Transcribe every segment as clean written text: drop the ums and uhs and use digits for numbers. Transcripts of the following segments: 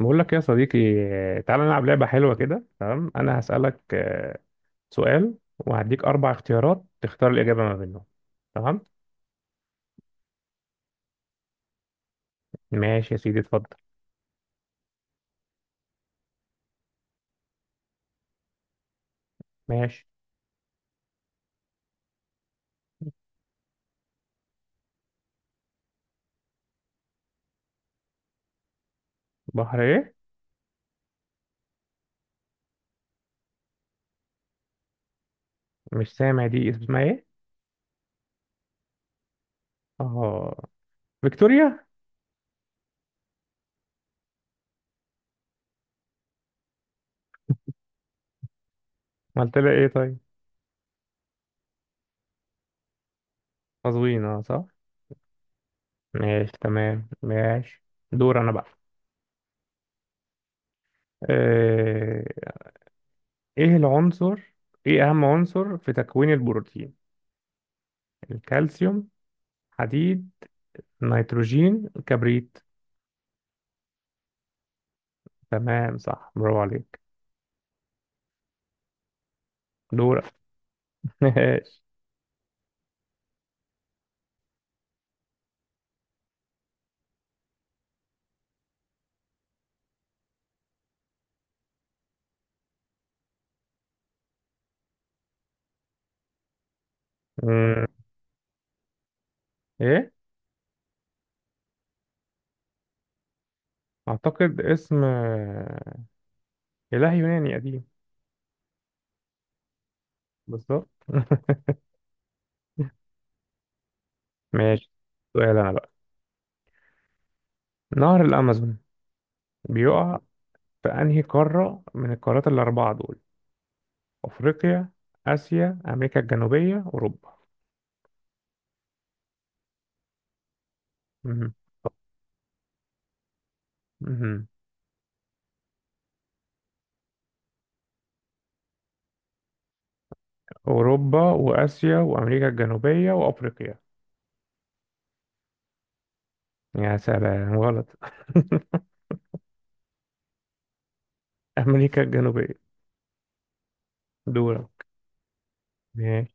بقول لك يا صديقي، تعالى نلعب لعبة حلوة كده. تمام، أنا هسألك سؤال وهديك أربع اختيارات تختار الإجابة ما بينهم. تمام. ماشي يا سيدي، اتفضل. ماشي. بحر إيه؟ مش سامع، دي اسمها إيه؟ آه، فيكتوريا. قلت لها إيه طيب؟ قزوين، أه صح. ماشي تمام، ماشي. دور أنا بقى. آه، إيه العنصر؟ إيه أهم عنصر في تكوين البروتين؟ الكالسيوم، حديد، نيتروجين، كبريت. تمام، صح، برافو عليك. دورك. ماشي. أمم، ايه. اعتقد اسم اله يوناني قديم. بالظبط. ماشي. سؤال انا بقى. نهر الامازون بيقع في انهي قارة من القارات الاربعة دول؟ افريقيا، اسيا، امريكا الجنوبية، اوروبا. أمم، أمم. اوروبا واسيا وامريكا الجنوبية وافريقيا. يا سلام، غلط. امريكا الجنوبية. دورك. ماشي.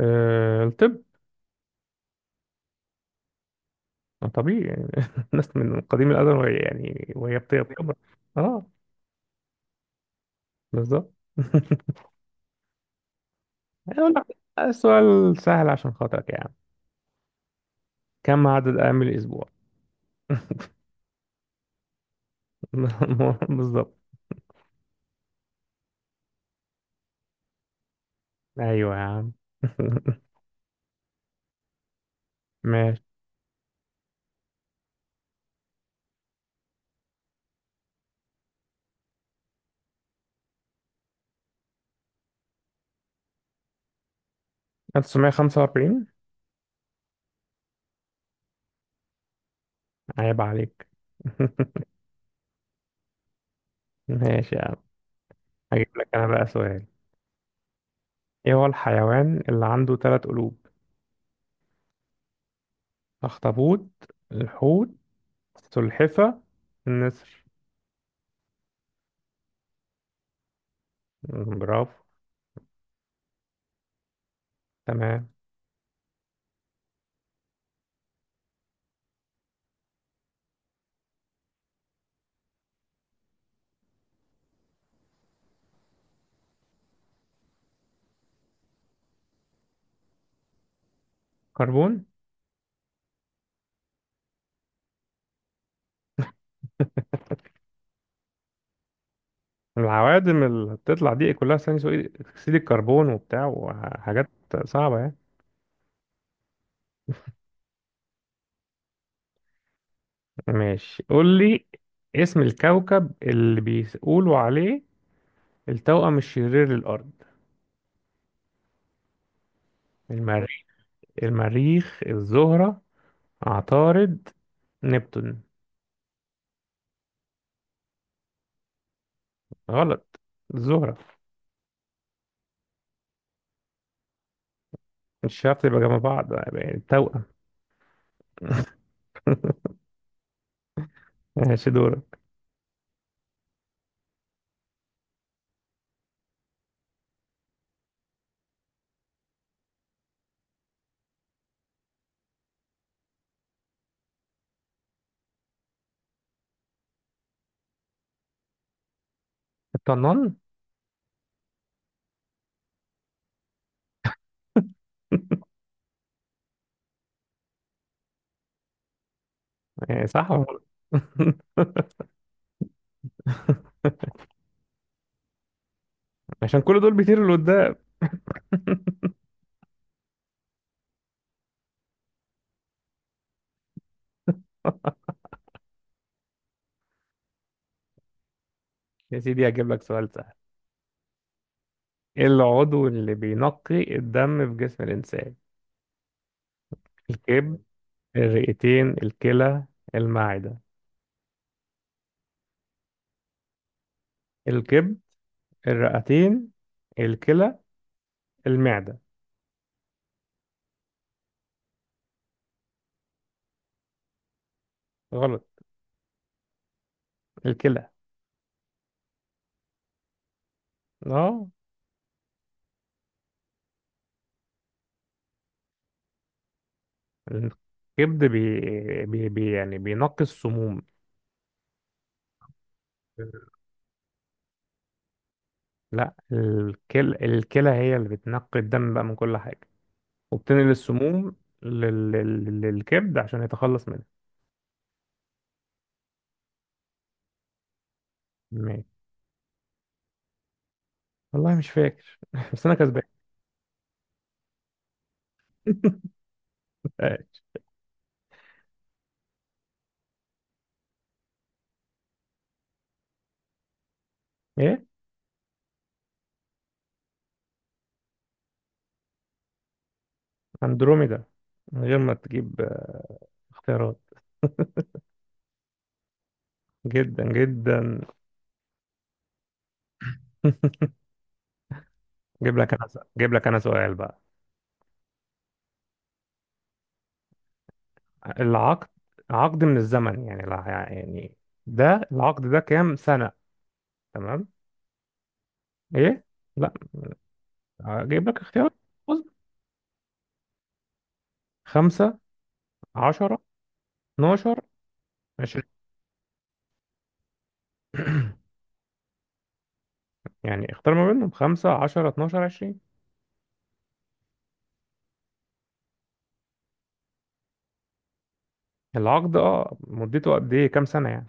الطب. طبيعي يعني. الناس من قديم الأزل وهي يعني وهي بتكبر. اه، بالظبط. أقول لك، السؤال سهل عشان خاطرك يا عم. كم عدد أيام الأسبوع؟ بالظبط. أيوه يا عم. ماشي. 1945. عيب عليك. ماشي يا عم. هجيب لك أنا بقى سؤال. إيه هو الحيوان اللي عنده ثلاث قلوب؟ أخطبوط، الحوت، السلحفة، النسر. برافو. تمام. كربون. العوادم اللي بتطلع دي كلها ثاني اكسيد الكربون وبتاع وحاجات صعبة يعني. ماشي قول لي، اسم الكوكب اللي بيقولوا عليه التوأم الشرير للأرض؟ المريخ المريخ، الزهرة، عطارد، نبتون. غلط، الزهرة. مش شرط يبقى جنب بعض يعني التوأم. ماشي، دورك. الطنان. يعني صح ولا غلط؟ عشان كل دول بيطيروا لقدام. يا سيدي هجيب لك سؤال سهل. ايه العضو اللي بينقي الدم في جسم الإنسان؟ الكبد، الرئتين، الكلى، المعدة. الكبد، الرئتين، الكلى، المعدة. غلط، الكلى. اه، الكبد بي يعني بينقي السموم. لا الكلى، الكلى هي اللي بتنقي الدم بقى من كل حاجة وبتنقل السموم للكبد عشان يتخلص منها. ماشي. والله مش فاكر. بس انا كسبان. ايه. اندروميدا. من غير ما تجيب اختيارات. جدا جدا. جيب لك انا جيب لك انا سؤال بقى. العقد، عقد من الزمن يعني يعني، ده العقد ده كام سنة؟ تمام. ايه؟ لا، اجيب لك اختيارات. بص، خمسة، عشرة، اتناشر، عشرين. يعني اختار ما بينهم، خمسة، عشرة، اتناشر، عشرين. العقد اه مدته قد ايه، كام سنة يعني.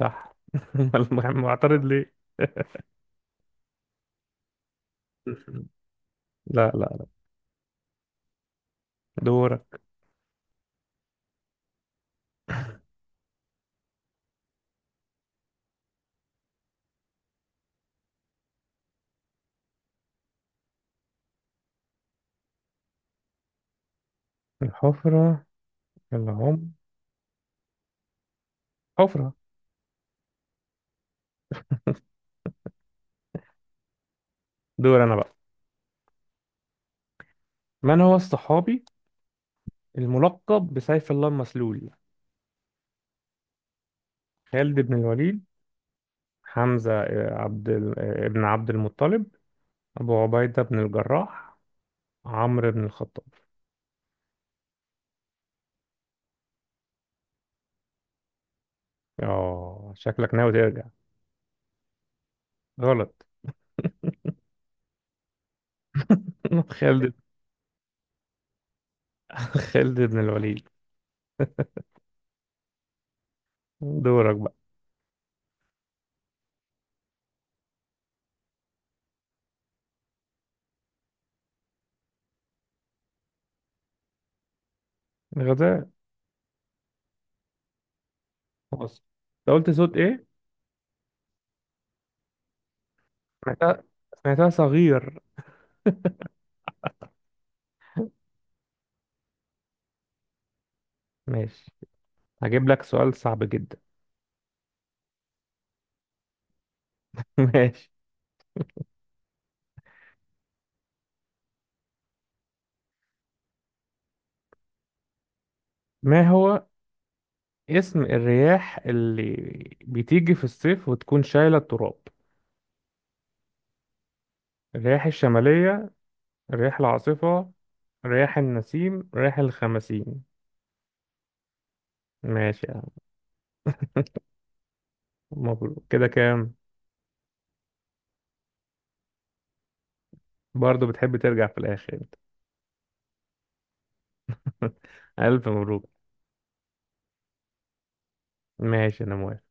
صح. أمال معترض ليه؟ لا لا. دورك. الحفرة، العمر. حفرة. دور أنا بقى. من هو الصحابي الملقب بسيف الله المسلول؟ خالد بن الوليد، حمزة عبد ال- آه، ابن عبد المطلب، أبو عبيدة بن الجراح، عمرو بن الخطاب. آه شكلك ناوي ترجع. غلط. خالد، خالد بن الوليد. دورك بقى. غزال. بص، أنت قلت صوت إيه؟ سمعتها، سمعتها صغير. ماشي، هجيب لك سؤال صعب جدا. ماشي. ما هو اسم الرياح اللي بتيجي في الصيف وتكون شايلة التراب؟ الرياح الشمالية، الرياح العاصفة، رياح النسيم، رياح الخمسين. ماشي يا عم. مبروك، كده كام؟ برضه بتحب ترجع في الآخر انت. ألف مبروك. ماشي أنا موافق.